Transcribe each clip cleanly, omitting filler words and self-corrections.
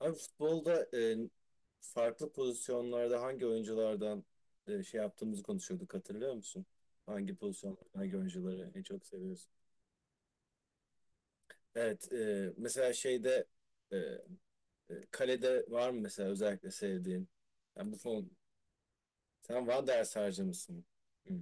Abi futbolda farklı pozisyonlarda hangi oyunculardan şey yaptığımızı konuşuyorduk, hatırlıyor musun? Hangi pozisyonlarda hangi oyuncuları en çok seviyorsun? Evet, mesela şeyde e, kalede var mı mesela özellikle sevdiğin? Yani sen Van der Sarcı mısın? Hmm.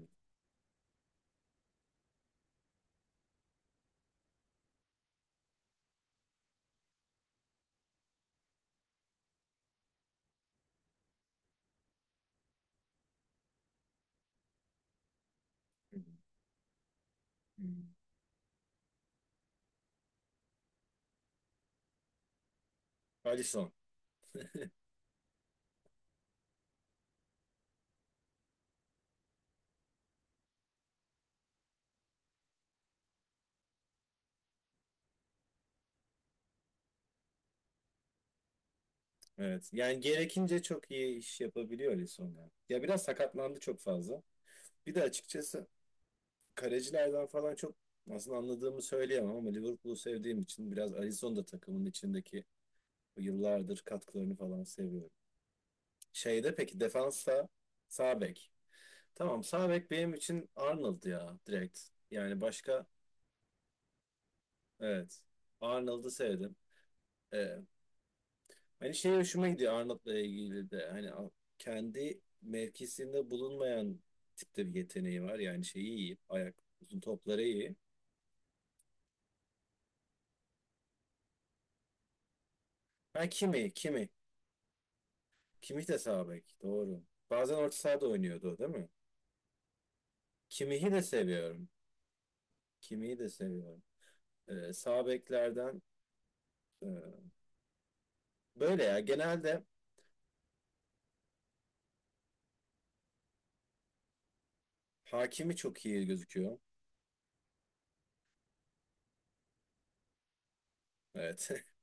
Hmm. Hmm. Alisson. Evet. Yani gerekince çok iyi iş yapabiliyor Alisson, ya. Ya biraz sakatlandı çok fazla. Bir de açıkçası kalecilerden falan çok aslında anladığımı söyleyemem ama Liverpool'u sevdiğim için biraz Alisson da takımın içindeki bu yıllardır katkılarını falan seviyorum. Şeyde peki, defansta sağ bek. Tamam, sağ bek benim için Arnold ya, direkt. Yani başka, evet, Arnold'u sevdim. Ee, hani şey hoşuma gidiyor Arnold'la ilgili de, hani kendi mevkisinde bulunmayan tipte bir yeteneği var. Yani şeyi iyi. Ayak, uzun topları iyi. Ha, kimi kimi. Kimih de sağ bek. Doğru. Bazen orta sahada oynuyordu, o değil mi? Kimih'i de seviyorum. Kimih'i de seviyorum. Sağ beklerden, e, böyle ya genelde Hakimi çok iyi gözüküyor. Evet.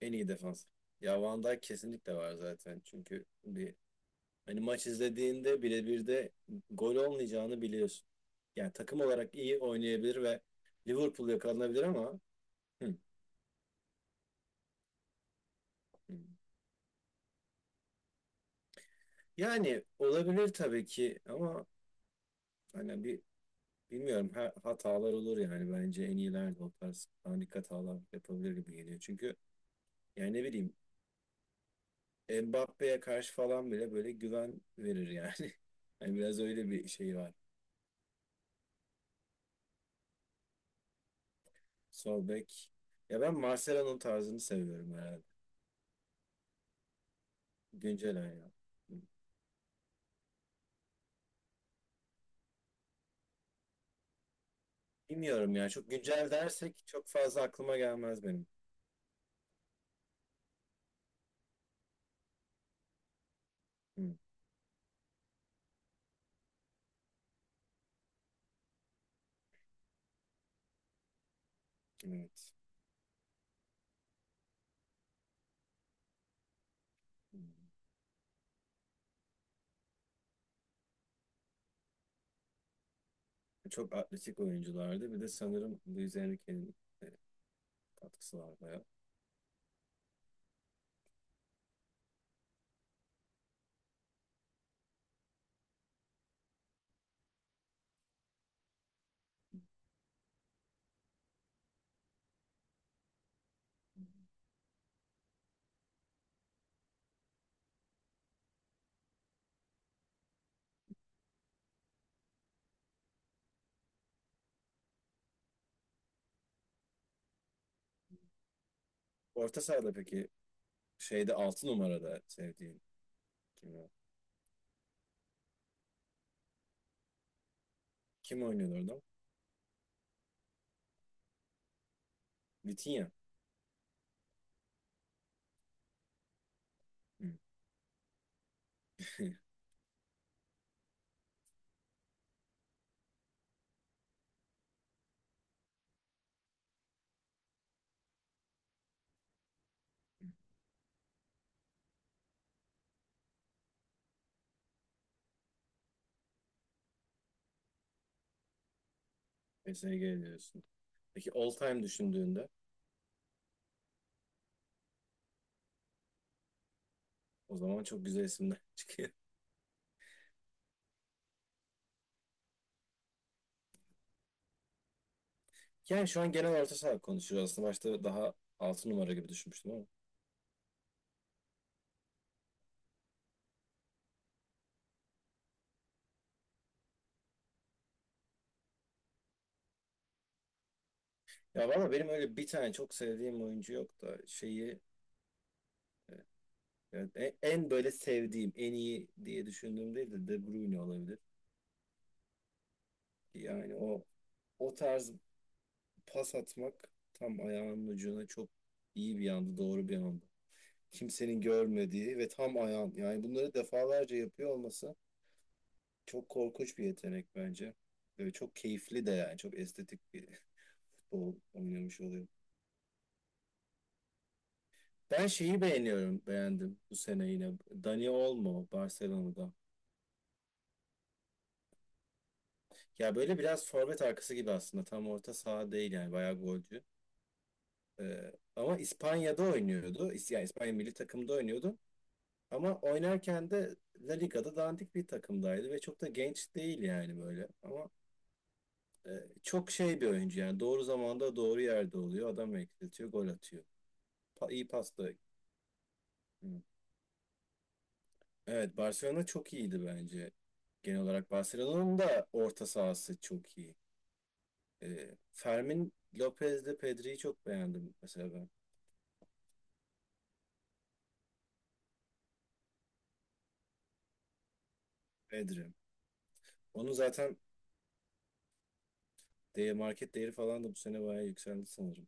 En iyi defans. Ya, Van Dijk kesinlikle var zaten. Çünkü bir, hani maç izlediğinde birebir de gol olmayacağını biliyorsun. Yani takım olarak iyi oynayabilir ve Liverpool yakalanabilir ama. Hı, hı. Yani olabilir tabii ki ama hani bir, bilmiyorum, hatalar olur yani, bence en iyiler de o tarz panik hatalar yapabilir gibi geliyor. Çünkü yani ne bileyim, Mbappe'ye karşı falan bile böyle güven verir yani. Yani biraz öyle bir şey var. Sol bek. Ya ben Marcelo'nun tarzını seviyorum herhalde. Güncel ya. Bilmiyorum ya, çok güncel dersek çok fazla aklıma gelmez benim. Hı, evet. Hı. Çok atletik oyunculardı. Bir de sanırım Luis Enrique'nin e, katkısı var bayağı. Orta sahada peki, şeyde 6 numarada sevdiğin kim var? Kim oynuyor orada? Vitinha. Hı. PSG diyorsun. Peki all time düşündüğünde o zaman çok güzel isimler çıkıyor. Yani şu an genel orta saha konuşuyoruz aslında. Başta daha 6 numara gibi düşünmüştüm ama. Ya valla, benim öyle bir tane çok sevdiğim oyuncu yok da, şeyi, yani en böyle sevdiğim, en iyi diye düşündüğüm değil de, De Bruyne olabilir. Yani o tarz pas atmak, tam ayağının ucuna, çok iyi bir anda, doğru bir anda, kimsenin görmediği ve tam ayağın. Yani bunları defalarca yapıyor olması çok korkunç bir yetenek bence. Ve çok keyifli de yani, çok estetik bir futbol oynamış oluyor. Ben şeyi beğendim bu sene yine. Dani Olmo Barcelona'da. Ya böyle biraz forvet arkası gibi aslında. Tam orta saha değil yani, bayağı golcü. Ama İspanya'da oynuyordu. Yani İspanya milli takımda oynuyordu. Ama oynarken de La Liga'da dandik bir takımdaydı ve çok da genç değil yani, böyle. Ama E, çok şey bir oyuncu yani. Doğru zamanda doğru yerde oluyor. Adam eksiltiyor, gol atıyor. Pa iyi pasta Evet, Barcelona çok iyiydi bence. Genel olarak Barcelona'nın da orta sahası çok iyi. Fermin Lopez'le Pedri'yi çok beğendim mesela ben. Pedri. Onu zaten market değeri falan da bu sene bayağı yükseldi sanırım.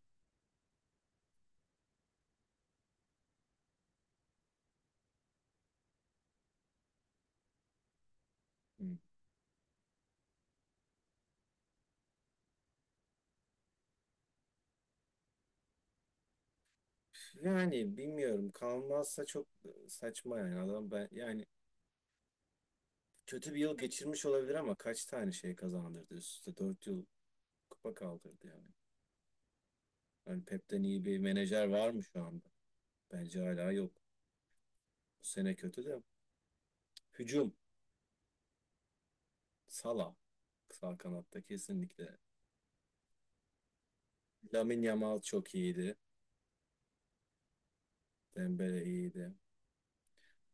Hı. Yani bilmiyorum. Kalmazsa çok saçma yani, adam, ben yani kötü bir yıl geçirmiş olabilir ama kaç tane şey kazandırdı, üst üste 4 yıl kupa kaldırdı yani. Hani Pep'ten iyi bir menajer var mı şu anda? Bence hala yok. Bu sene kötü de. Hücum. Salah. Sağ kanatta kesinlikle. Lamine Yamal çok iyiydi. Dembele iyiydi.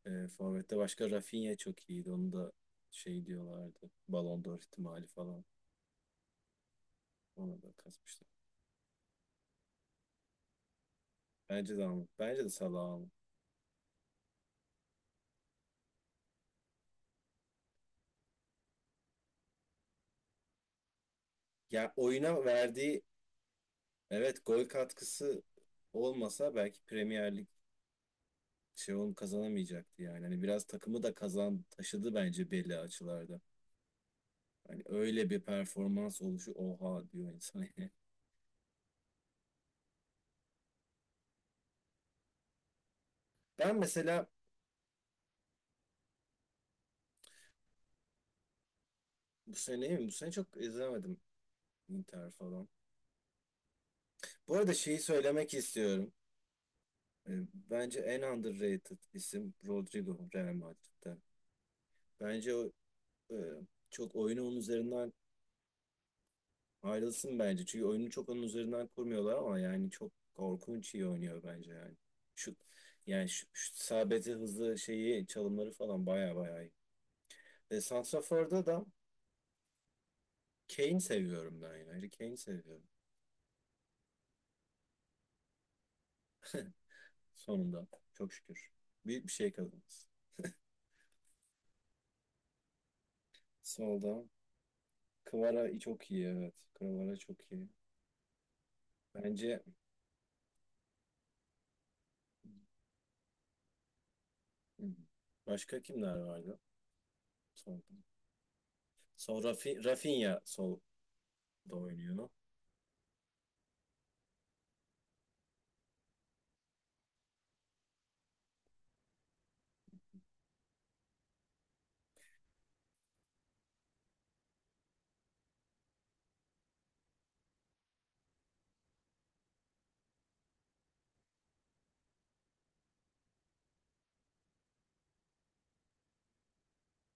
Forvet'te başka Rafinha çok iyiydi. Onu da şey diyorlardı, Ballon d'Or ihtimali falan. Ona da kasmışlar. Bence de alın. Bence de Salah alın. Ya oyuna verdiği, evet, gol katkısı olmasa belki Premier Lig şey kazanamayacaktı yani. Hani biraz takımı da kazan taşıdı bence belli açılarda. Hani öyle bir performans oluşu oha diyor insan yani. Ben mesela, bu sene mi? Bu sene çok izlemedim, Inter falan. Bu arada şeyi söylemek istiyorum. E, Bence en underrated isim Rodrigo Real Madrid'de. Bence o, e, çok oyunu onun üzerinden. Ayrılsın bence. Çünkü oyunu çok onun üzerinden kurmuyorlar ama yani çok korkunç iyi oynuyor bence yani. Şu, yani şu sabeti hızlı, şeyi çalımları falan, baya baya iyi. Santrafor'da da Kane seviyorum ben yani. Harry Kane seviyorum. Sonunda. Çok şükür. Büyük bir şey kazanırız. Solda. Kvara çok iyi, evet. Kvara çok iyi. Bence hmm, başka kimler vardı? Solda. Sol Rafinha solda oynuyor.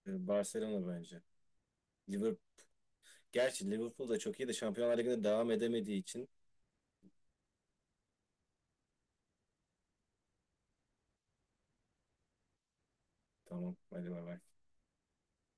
Barcelona bence. Liverpool Gerçi Liverpool da çok iyi de, Şampiyonlar Ligi'nde devam edemediği için. Tamam, hadi bay bay.